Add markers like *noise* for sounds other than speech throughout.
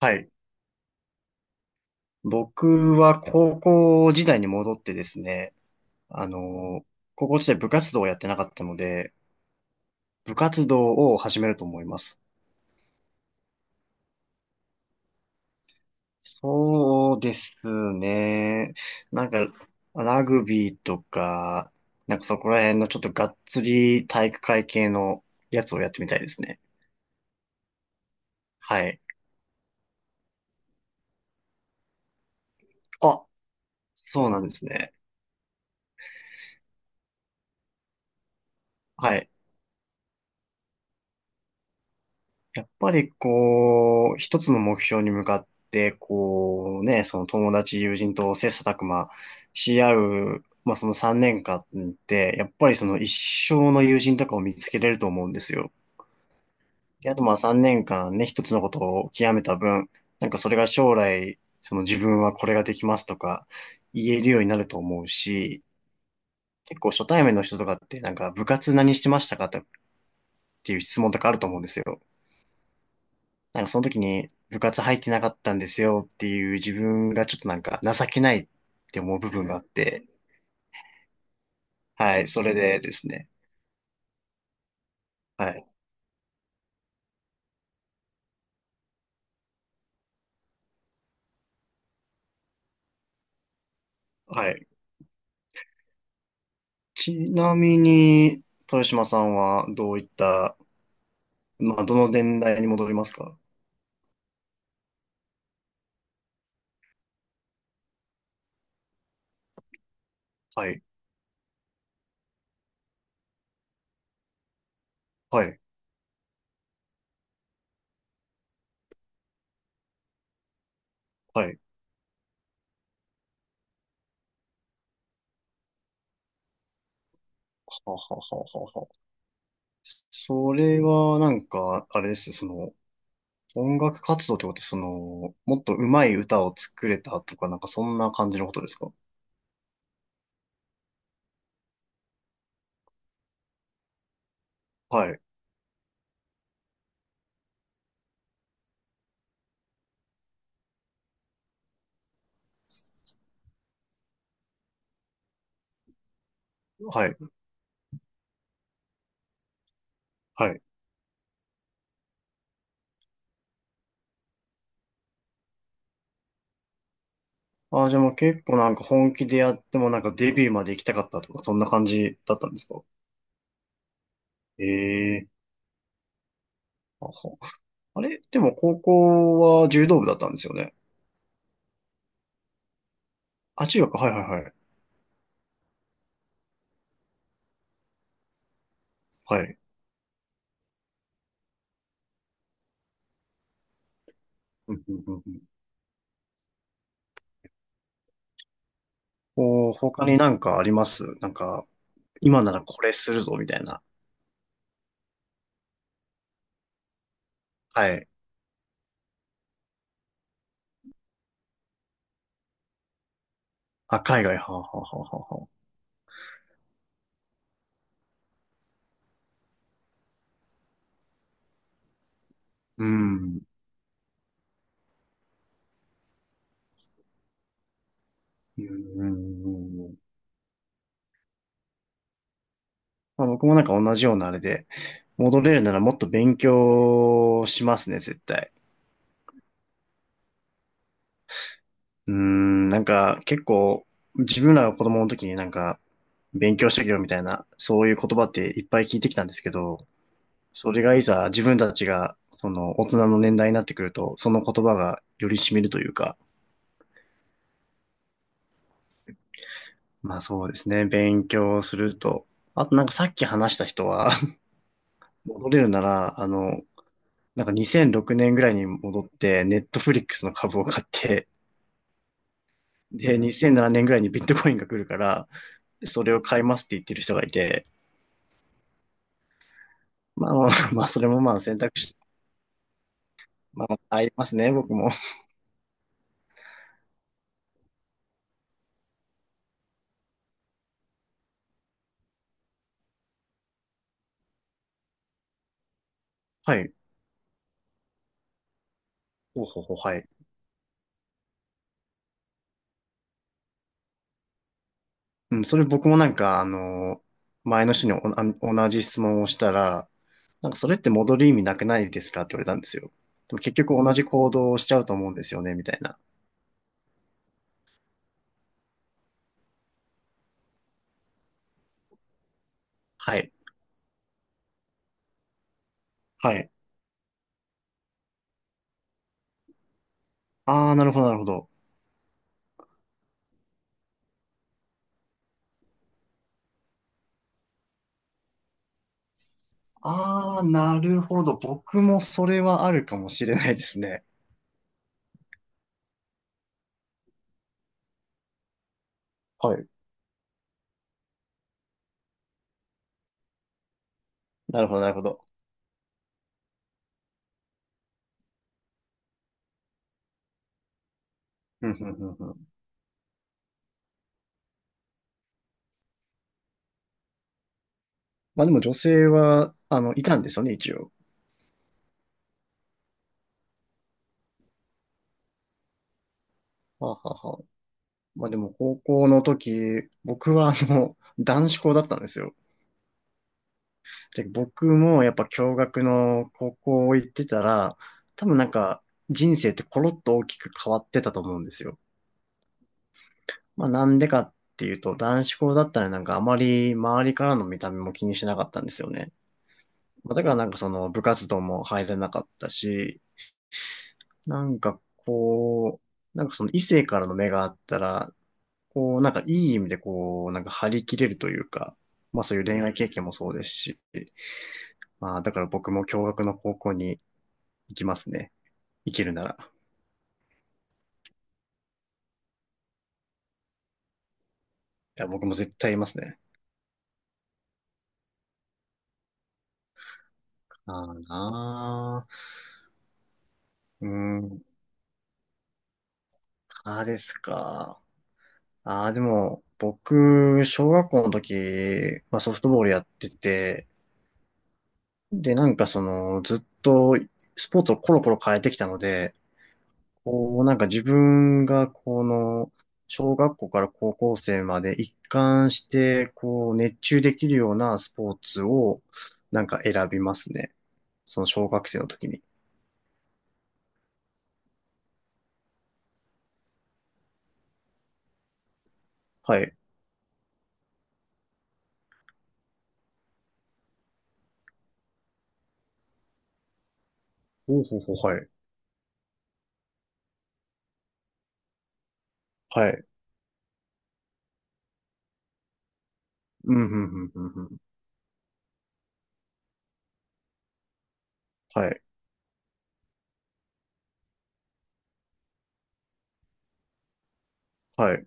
はい。僕は高校時代に戻ってですね、あの、高校時代部活動をやってなかったので、部活動を始めると思います。そうですね。なんか、ラグビーとか、なんかそこら辺のちょっとがっつり体育会系のやつをやってみたいですね。はい。あ、そうなんですね。はい。やっぱりこう、一つの目標に向かって、こうね、その友達、友人と切磋琢磨し合う、まあその3年間って、やっぱりその一生の友人とかを見つけれると思うんですよ。で、あとまあ3年間ね、一つのことを極めた分、なんかそれが将来、その自分はこれができますとか言えるようになると思うし、結構初対面の人とかってなんか部活何してましたかっていう質問とかあると思うんですよ。なんかその時に部活入ってなかったんですよっていう自分がちょっとなんか情けないって思う部分があって、はい、それでですね。はい、はい。ちなみに、豊島さんはどういった、まあ、どの年代に戻りますか？はい、はい、はい。ははははは。それはなんか、あれです、その、音楽活動ってこと、その、もっと上手い歌を作れたとか、なんかそんな感じのことですか？はい、はい、はい。ああ、じゃあもう結構なんか本気でやってもなんかデビューまで行きたかったとか、そんな感じだったんですか？ええ、あ、ほ、あれでも高校は柔道部だったんですよね。あ、中学、はいはいはい。はい。うんうんうんうん、こう、他になんかあります？なんか、今ならこれするぞ、みたいな。はい。あ、海外、はあ、はあはあはあはあ。うん。うんうんうん、まあ、僕もなんか同じようなあれで、戻れるならもっと勉強しますね、絶対。うーん、なんか結構自分らが子供の時になんか勉強してきろみたいなそういう言葉っていっぱい聞いてきたんですけど、それがいざ自分たちがその大人の年代になってくると、その言葉がより染みるというか、まあそうですね、勉強すると、あとなんかさっき話した人は、 *laughs* 戻れるなら、なんか2006年ぐらいに戻って、ネットフリックスの株を買って、で、2007年ぐらいにビットコインが来るから、それを買いますって言ってる人がいて、まあまあ、*laughs* まあ、それもまあ選択肢、まあ、ありますね、僕も。はい。ほうほうほう、はい。うん、それ僕もなんか、前の人に、お、あ、同じ質問をしたら、なんかそれって戻る意味なくないですか？って言われたんですよ。でも結局同じ行動をしちゃうと思うんですよね、みたいな。はい。はい。ああ、なるほど、なるほど。ああ、なるほど。僕もそれはあるかもしれないですね。はい。なるほど、なるほど。うん、うん、うん、うん。まあでも女性は、あの、いたんですよね、一応。はあはあはあ、まあでも高校の時、僕はあの、*laughs* 男子校だったんですよ。で、僕もやっぱ共学の高校行ってたら、多分なんか人生ってコロッと大きく変わってたと思うんですよ。まあなんでかっていうと、男子校だったらなんかあまり周りからの見た目も気にしなかったんですよね。まあだからなんかその部活動も入れなかったし、こう、なんかその異性からの目があったら、こう、なんかいい意味でこう、なんか張り切れるというか、まあそういう恋愛経験もそうですし、まあだから僕も共学の高校に行きますね。行けるなら。いや、僕も絶対いますね。ああなあ、うーん、ああですか。ああ、でも、僕、小学校の時、まあソフトボールやってて、で、なんかその、ずっとスポーツをコロコロ変えてきたので、こう、なんか自分がこの、小学校から高校生まで一貫して、こう、熱中できるようなスポーツを、なんか選びますね。その小学生の時に。はい。ほうほうほう、はい。はい。うん、うん、うん、うん、うん。はい。はい。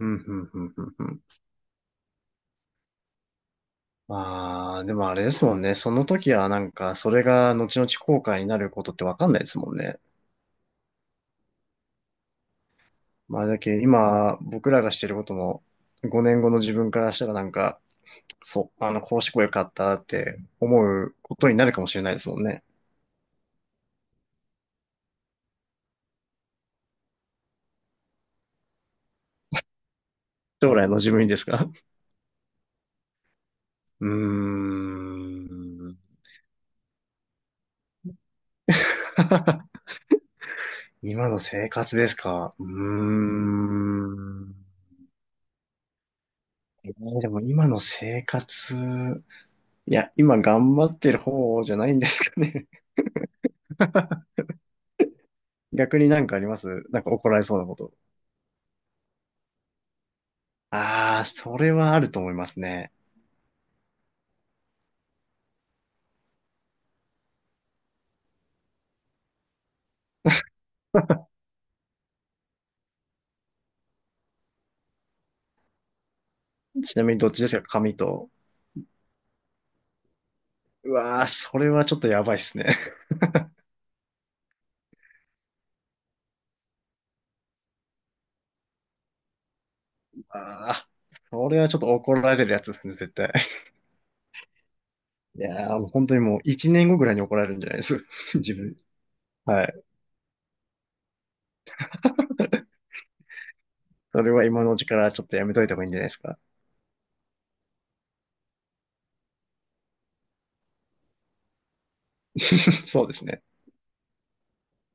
うん、うん、うん、うん。うん、まあ、でもあれですもんね。その時はなんか、それが後々後悔になることってわかんないですもんね。まあ、だけど今、僕らがしてることも、5年後の自分からしたらなんか、そう、あの、こうしてこよかったって思うことになるかもしれないですもんね。将来の自分にですか？うーん。*laughs* 今の生活ですか？うーん。えー、でも今の生活、いや、今頑張ってる方じゃないんですかね。*laughs* 逆になんかあります？なんか怒られそうなこと。ああ、それはあると思いますね。ちなみにどっちですか？紙と。うわあ、それはちょっとやばいっすね。ああ、これはちょっと怒られるやつですね、絶対。*laughs* いやー、もう本当にもう一年後ぐらいに怒られるんじゃないです？ *laughs* 自分。はい。それは今のうちからちょっとやめといた方がいいんじゃないですか。*laughs* そうですね。